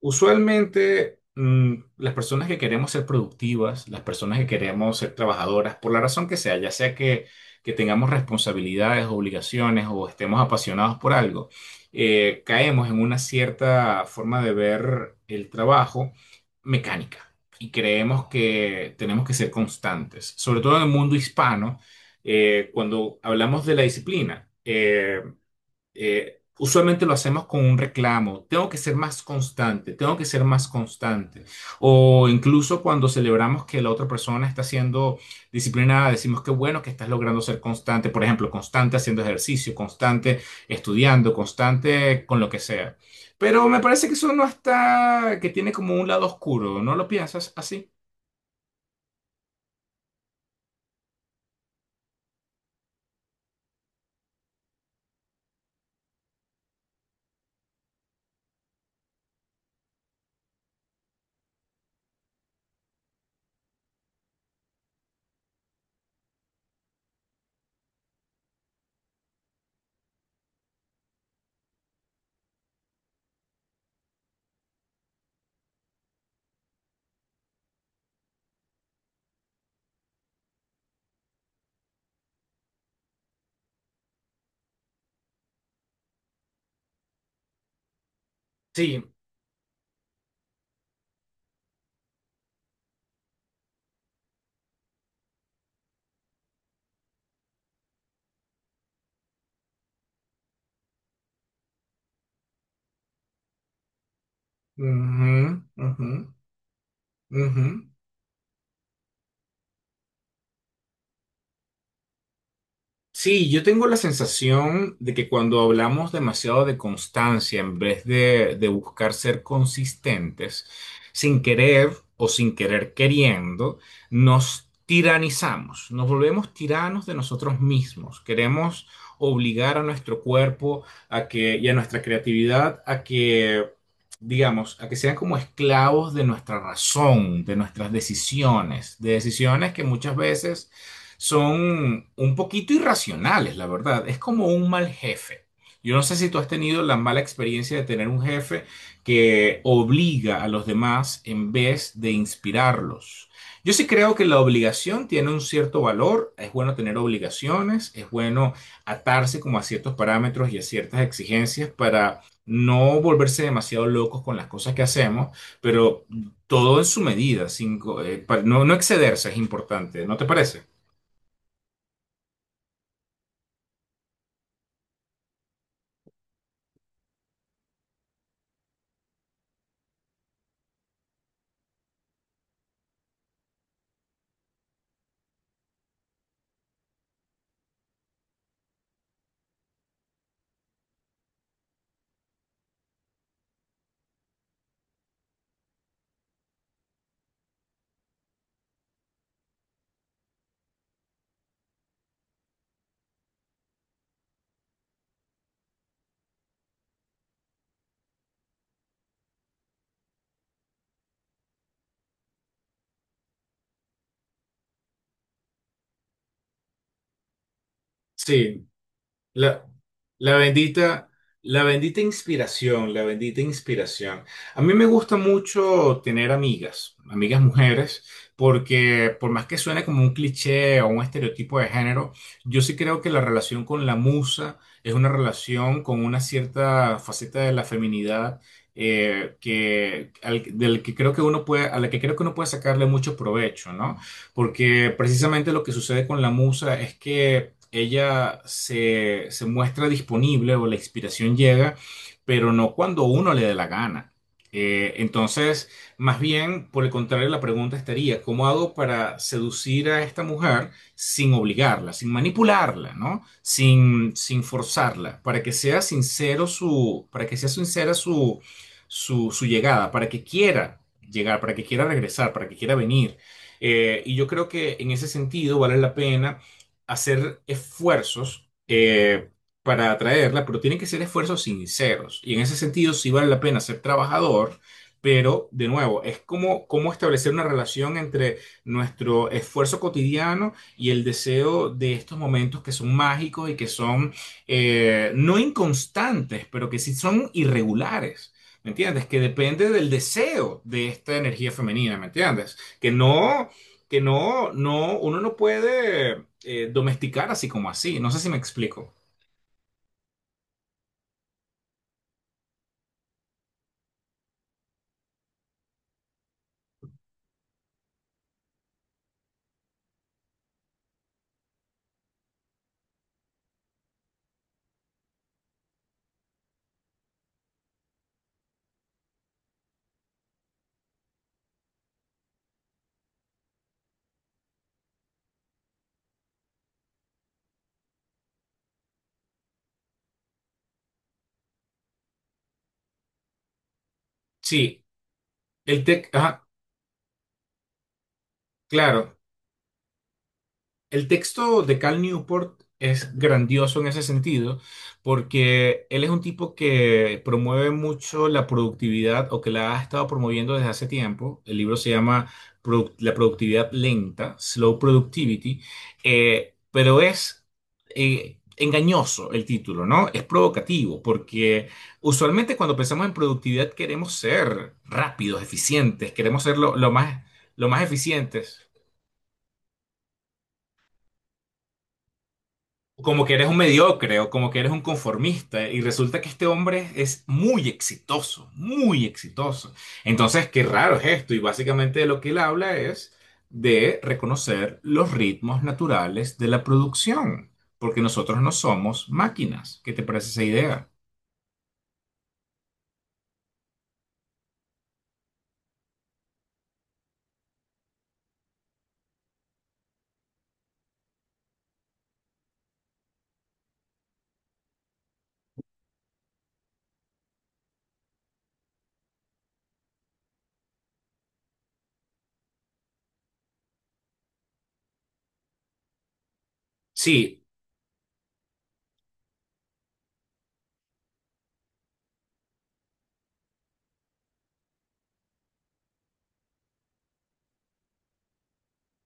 Usualmente, las personas que queremos ser productivas, las personas que queremos ser trabajadoras, por la razón que sea, ya sea que tengamos responsabilidades, obligaciones o estemos apasionados por algo, caemos en una cierta forma de ver el trabajo mecánica y creemos que tenemos que ser constantes, sobre todo en el mundo hispano, cuando hablamos de la disciplina. Usualmente lo hacemos con un reclamo. Tengo que ser más constante, tengo que ser más constante. O incluso cuando celebramos que la otra persona está siendo disciplinada, decimos que bueno que estás logrando ser constante. Por ejemplo, constante haciendo ejercicio, constante estudiando, constante con lo que sea. Pero me parece que eso no está, que tiene como un lado oscuro. ¿No lo piensas así? Sí, ujú, ujú, ujú. Sí, yo tengo la sensación de que cuando hablamos demasiado de constancia, en vez de buscar ser consistentes, sin querer o sin querer queriendo, nos tiranizamos, nos volvemos tiranos de nosotros mismos. Queremos obligar a nuestro cuerpo a que, y a nuestra creatividad a que, digamos, a que sean como esclavos de nuestra razón, de nuestras decisiones, de decisiones que muchas veces son un poquito irracionales, la verdad. Es como un mal jefe. Yo no sé si tú has tenido la mala experiencia de tener un jefe que obliga a los demás en vez de inspirarlos. Yo sí creo que la obligación tiene un cierto valor, es bueno tener obligaciones, es bueno atarse como a ciertos parámetros y a ciertas exigencias para no volverse demasiado locos con las cosas que hacemos, pero todo en su medida, sin co- no excederse es importante, ¿no te parece? Sí, la, la bendita, la bendita inspiración, la bendita inspiración. A mí me gusta mucho tener amigas, amigas mujeres, porque por más que suene como un cliché o un estereotipo de género, yo sí creo que la relación con la musa es una relación con una cierta faceta de la feminidad, que, del que creo que uno puede, a la que creo que uno puede sacarle mucho provecho, ¿no? Porque precisamente lo que sucede con la musa es que ella se muestra disponible o la inspiración llega, pero no cuando uno le dé la gana. Entonces, más bien, por el contrario, la pregunta estaría, ¿cómo hago para seducir a esta mujer sin obligarla, sin manipularla? ¿No? Sin forzarla, para que sea sincera su llegada, para que quiera llegar, para que quiera regresar, para que quiera venir. Y yo creo que en ese sentido vale la pena hacer esfuerzos, para atraerla, pero tienen que ser esfuerzos sinceros. Y en ese sentido sí vale la pena ser trabajador, pero de nuevo, es como, como establecer una relación entre nuestro esfuerzo cotidiano y el deseo de estos momentos que son mágicos y que son, no inconstantes, pero que sí son irregulares. ¿Me entiendes? Que depende del deseo de esta energía femenina, ¿me entiendes? Que no, uno no puede domesticar así como así. No sé si me explico. Sí, ajá, claro. El texto de Cal Newport es grandioso en ese sentido, porque él es un tipo que promueve mucho la productividad o que la ha estado promoviendo desde hace tiempo. El libro se llama La productividad lenta, Slow Productivity, pero es, engañoso el título, ¿no? Es provocativo, porque usualmente cuando pensamos en productividad queremos ser rápidos, eficientes, queremos ser lo más eficientes. Como que eres un mediocre o como que eres un conformista y resulta que este hombre es muy exitoso, muy exitoso. Entonces, qué raro es esto y básicamente de lo que él habla es de reconocer los ritmos naturales de la producción, porque nosotros no somos máquinas. ¿Qué te parece esa idea? Sí,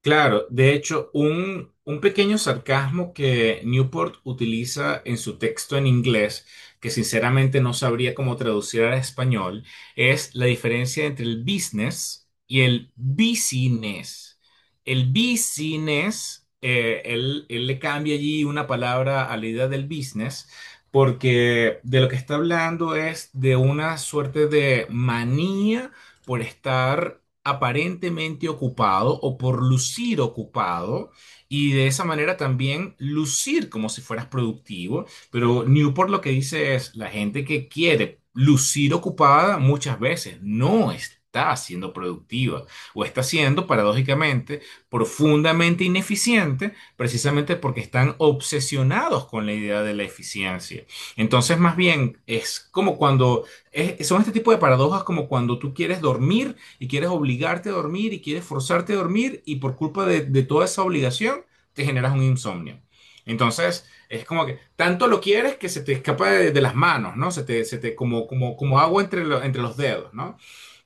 claro, de hecho, un pequeño sarcasmo que Newport utiliza en su texto en inglés, que sinceramente no sabría cómo traducir al español, es la diferencia entre el business y el business. El business, él le cambia allí una palabra a la idea del business, porque de lo que está hablando es de una suerte de manía por estar aparentemente ocupado o por lucir ocupado y de esa manera también lucir como si fueras productivo. Pero Newport lo que dice es, la gente que quiere lucir ocupada muchas veces no está siendo productiva o está siendo paradójicamente profundamente ineficiente precisamente porque están obsesionados con la idea de la eficiencia. Entonces, más bien, es como cuando, son este tipo de paradojas, como cuando tú quieres dormir y quieres obligarte a dormir y quieres forzarte a dormir y por culpa de toda esa obligación te generas un insomnio. Entonces, es como que tanto lo quieres que se te escapa de las manos, ¿no? Se te como agua entre los dedos, ¿no?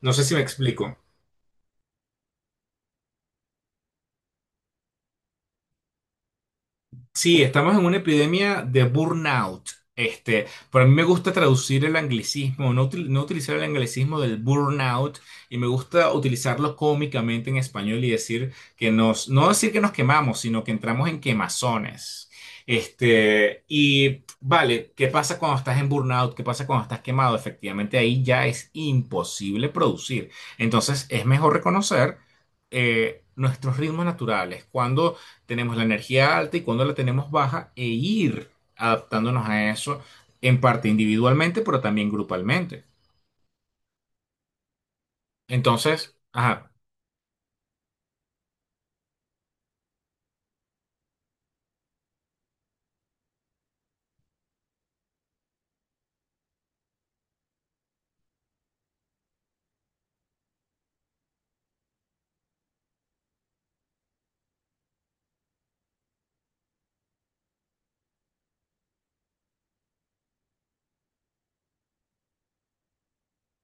No sé si me explico. Sí, estamos en una epidemia de burnout. Este, pero a mí me gusta traducir el anglicismo, no, no utilizar el anglicismo del burnout y me gusta utilizarlo cómicamente en español y decir que nos, no decir que nos quemamos, sino que entramos en quemazones. Este, y vale, ¿qué pasa cuando estás en burnout? ¿Qué pasa cuando estás quemado? Efectivamente, ahí ya es imposible producir. Entonces, es mejor reconocer, nuestros ritmos naturales. Cuando tenemos la energía alta y cuando la tenemos baja e ir adaptándonos a eso en parte individualmente, pero también grupalmente. Entonces, ajá,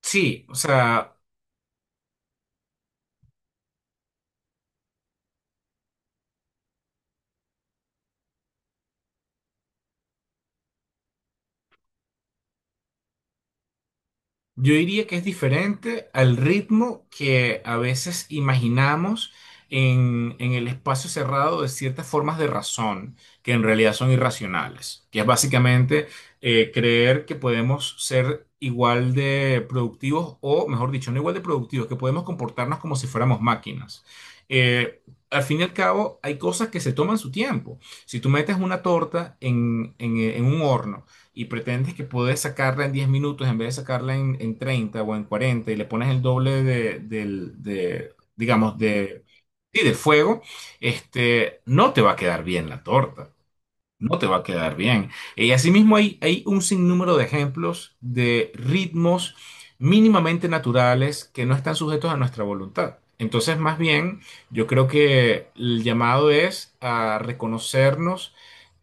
sí, o sea, yo diría que es diferente al ritmo que a veces imaginamos en, el espacio cerrado de ciertas formas de razón, que en realidad son irracionales, que es básicamente, creer que podemos ser igual de productivos o, mejor dicho, no igual de productivos, que podemos comportarnos como si fuéramos máquinas. Eh, al fin y al cabo, hay cosas que se toman su tiempo. Si tú metes una torta en un horno, y pretendes que puedes sacarla en 10 minutos en vez de sacarla en 30 o en 40 y le pones el doble digamos, sí, del fuego, este, no te va a quedar bien la torta. No te va a quedar bien. Y asimismo hay un sinnúmero de ejemplos de ritmos mínimamente naturales que no están sujetos a nuestra voluntad. Entonces, más bien, yo creo que el llamado es a reconocernos,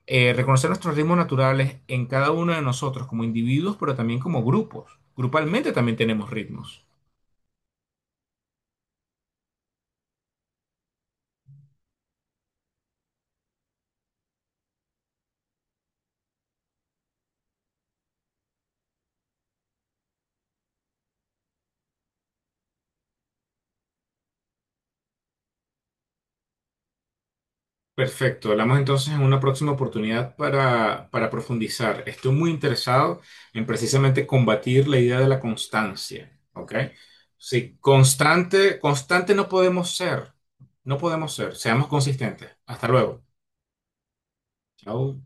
reconocer nuestros ritmos naturales en cada uno de nosotros como individuos, pero también como grupos. Grupalmente también tenemos ritmos. Perfecto, hablamos entonces en una próxima oportunidad para, profundizar. Estoy muy interesado en precisamente combatir la idea de la constancia, ¿ok? Sí, constante, constante no podemos ser, no podemos ser, seamos consistentes. Hasta luego. Chao.